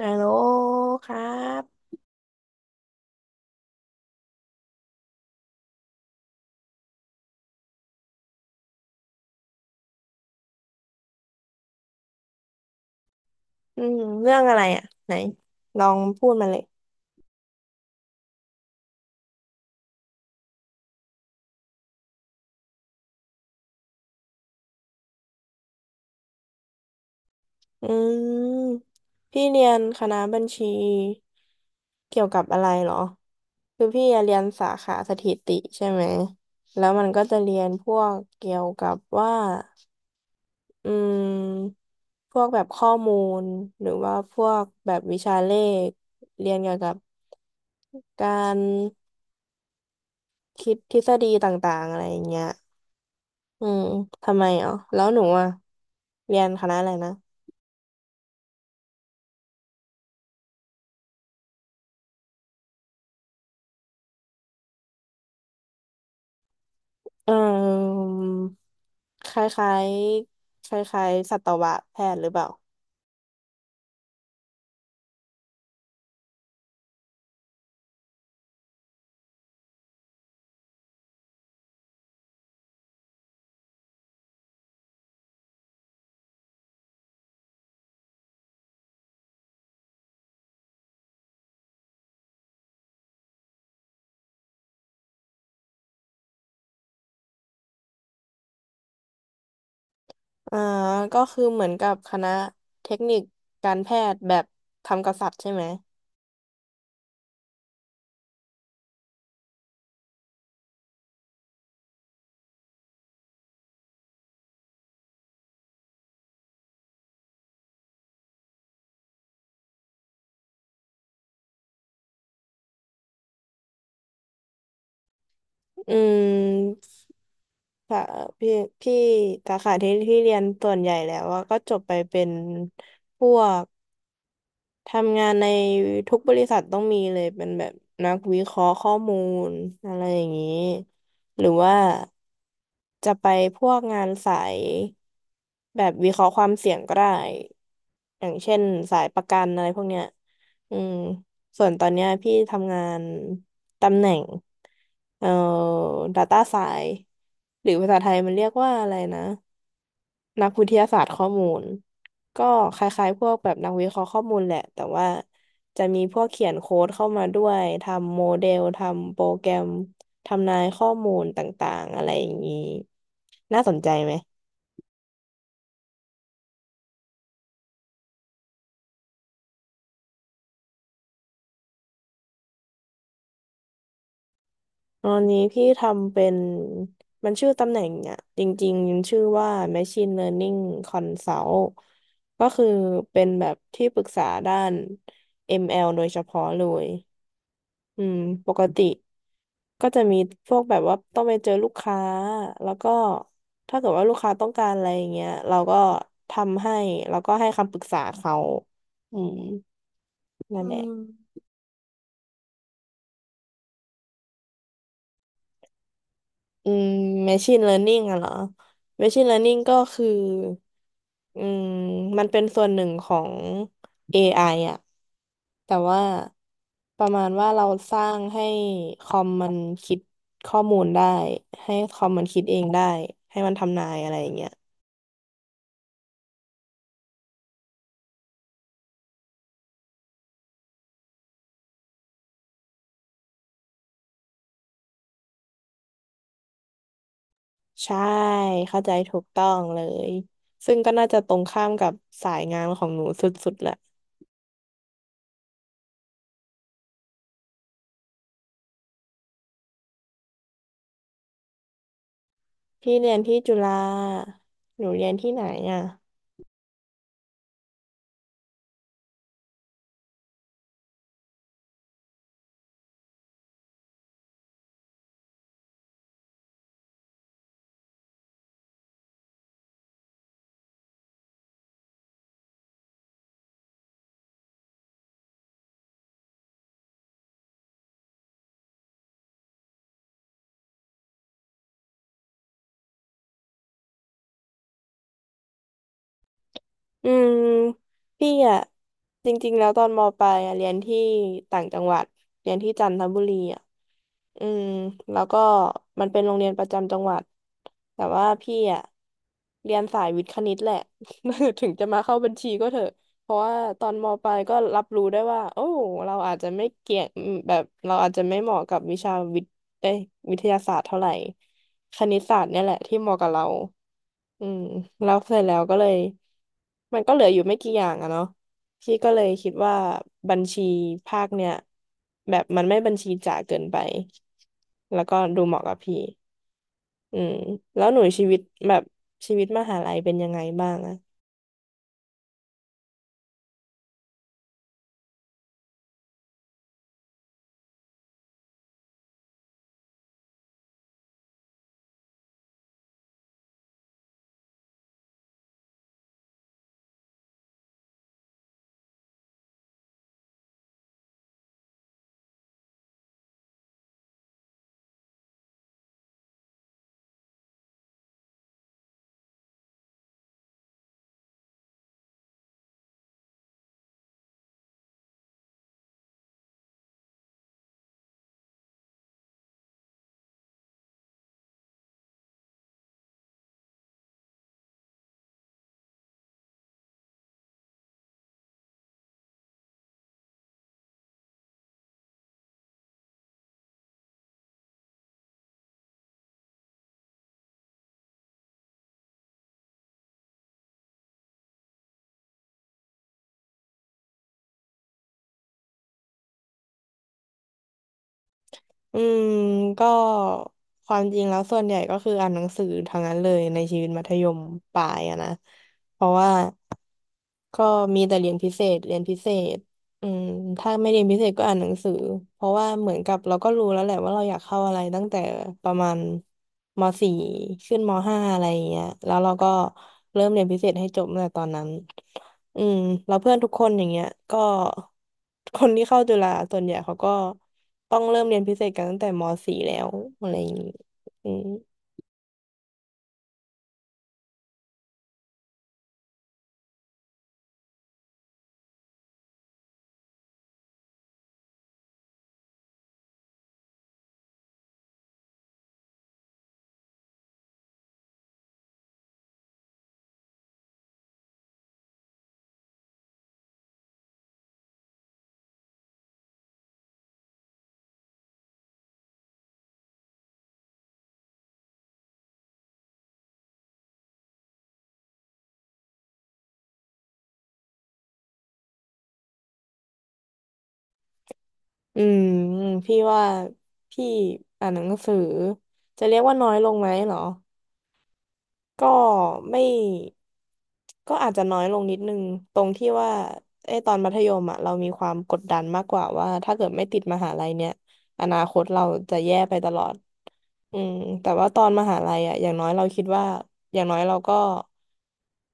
ฮัลโหลครับอืมเรื่องอะไรอ่ะไหนลองพูดมาเลยอืมพี่เรียนคณะบัญชีเกี่ยวกับอะไรเหรอคือพี่อะเรียนสาขาสถิติใช่ไหมแล้วมันก็จะเรียนพวกเกี่ยวกับว่าอืมพวกแบบข้อมูลหรือว่าพวกแบบวิชาเลขเรียนเกี่ยวกับการคิดทฤษฎีต่างๆอะไรอย่างเงี้ย อืมทำไมอ๋อแล้วหนูอ่ะเรียนคณะอะไรนะเออคล้ายๆคล้ายๆสัตวแพทย์หรือเปล่าอ่าก็คือเหมือนกับคณะเทคนิคการแพทย์แบบทำกับสัตว์ใช่ไหมอืมค่ะพี่พี่สาขาที่เรียนส่วนใหญ่แล้วว่าก็จบไปเป็นพวก ทำงานในทุกบริษัทต้องมีเลยเป็นแบบนักวิเคราะห์ข้อมูลอะไรอย่างนี้หรือว่าจะไปพวกงานสายแบบวิเคราะห์ความเสี่ยงก็ได้อย่างเช่นสายประกันอะไรพวกเนี้ยอืมส่วนตอนเนี้ยพี่ทำงานตำแหน่งเอ่อ Data Science หรือภาษาไทยมันเรียกว่าอะไรนะ นักวิทยาศาสตร์ข้อมูลก็คล้ายๆพวกแบบนักวิเคราะห์ข้อมูลแหละแต่ว่าจะมีพวกเขียนโค้ดเข้ามาด้วยทำโมเดลทำโปรแกรมทำนายข้อมูลต่างๆอะไรอย่างนี้น่าสนใจไหมตอนนี้พี่ทำเป็นมันชื่อตำแหน่งอ่ะจริงๆมันชื่อว่า Machine Learning Consult ก็คือเป็นแบบที่ปรึกษาด้าน ML โดยเฉพาะเลย อืมปกติก็จะมีพวกแบบว่าต้องไปเจอลูกค้าแล้วก็ถ้าเกิดว่าลูกค้าต้องการอะไรอย่างเงี้ยเราก็ทำให้แล้วก็ให้คำปรึกษาเขาอืมนั่อืนแหละ อืม machine learning อะเหรอ machine learning ก็คืออืมมันเป็นส่วนหนึ่งของ AI อไออะแต่ว่าประมาณว่าเราสร้างให้คอมมันคิดข้อมูลได้ให้คอมมันคิดเองได้ให้มันทำนายอะไรอย่างเงี้ยใช่เข้าใจถูกต้องเลยซึ่งก็น่าจะตรงข้ามกับสายงานของหนูสุดๆแหละพี่เรียนที่จุฬาหนูเรียนที่ไหนอ่ะ อืมพี่อะจริงๆแล้วตอนมปลายอะเรียนที่ต่างจังหวัดเรียนที่จันทบุรีอะอืมแล้วก็มันเป็นโรงเรียนประจำจังหวัดแต่ว่าพี่อะเรียนสายวิทย์คณิตแหละ ถึงจะมาเข้าบัญชีก็เถอะเพราะว่าตอนมปลายก็รับรู้ได้ว่าโอ้เราอาจจะไม่เก่งแบบเราอาจจะไม่เหมาะกับวิชาวิทย์เอ้ยวิทยาศาสตร์เท่าไหร่คณิตศาสตร์เนี่ยแหละที่เหมาะกับเรา อืมแล้วเสร็จแล้วก็เลยมันก็เหลืออยู่ไม่กี่อย่างอะเนาะพี่ก็เลยคิดว่าบัญชีภาคเนี่ยแบบมันไม่บัญชีจ๋าเกินไปแล้วก็ดูเหมาะกับพี่อืมแล้วหนูชีวิตแบบชีวิตมหาลัยเป็นยังไงบ้างอะอืมก็ความจริงแล้วส่วนใหญ่ก็คืออ่านหนังสือทั้งนั้นเลยในชีวิตมัธยมปลายอะนะเพราะว่าก็มีแต่เรียนพิเศษเรียนพิเศษ อืมถ้าไม่เรียนพิเศษก็อ่านหนังสือเพราะว่าเหมือนกับเราก็รู้แล้วแหละว่าเราอยากเข้าอะไรตั้งแต่ประมาณมสี่ขึ้นมห้าอะไรอย่างเงี้ยแล้วเราก็เริ่มเรียนพิเศษให้จบตั้งแต่ตอนนั้นอืมแล้วเพื่อนทุกคนอย่างเงี้ยก็คนที่เข้าจุฬาส่วนใหญ่เขาก็ต้องเริ่มเรียนพิเศษกันตั้งแต่มสี่แล้วอะไรอย่างงี้อืมอืมพี่ว่าพี่อ่านหนังสือจะเรียกว่าน้อยลงไหมเหรอ ก็ไม่ก็อาจจะน้อยลงนิดนึงตรงที่ว่าไอ้ตอนมัธยมอะเรามีความกดดันมากกว่าว่าถ้าเกิดไม่ติดมหาลัยเนี่ยอนาคตเราจะแย่ไปตลอดอืมแต่ว่าตอนมหาลัยอะอย่างน้อยเราคิดว่าอย่างน้อยเราก็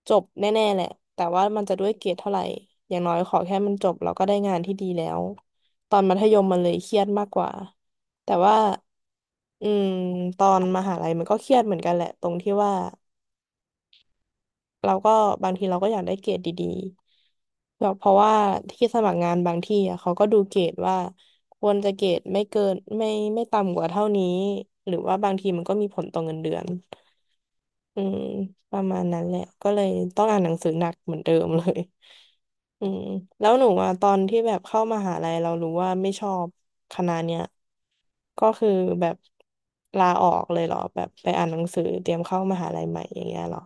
จบแน่ๆแหละแต่ว่ามันจะด้วยเกรดเท่าไหร่อย่างน้อยขอแค่มันจบเราก็ได้งานที่ดีแล้วตอนมัธยมมันเลยเครียดมากกว่าแต่ว่าอืมตอนมหาลัยมันก็เครียดเหมือนกันแหละตรงที่ว่า เราก็บางทีเราก็อยากได้เกรดดีๆแบบเพราะว่าที่สมัครงานบางที่อะเขาก็ดูเกรดว่าควรจะเกรดไม่เกินไม่ต่ำกว่าเท่านี้หรือว่าบางทีมันก็มีผลต่อเงินเดือนอืมประมาณนั้นแหละก็เลยต้องอ่านหนังสือหนักเหมือนเดิมเลย อืมแล้วหนูอ่ะตอนที่แบบเข้ามหาลัยเรารู้ว่าไม่ชอบคณะเนี้ยก็คือแบบลาออกเลยเหรอแบบไปอ่านหนังสือเตรียมเข้ามหาลัยใหม่อย่างเงี้ยเหรอ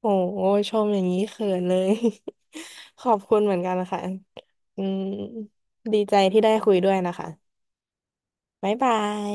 โอ้โหชมอย่างนี้เขินเลย ขอบคุณเหมือนกันนะคะอืมดีใจที่ได้คุยด้วยนะคะบ๊ายบาย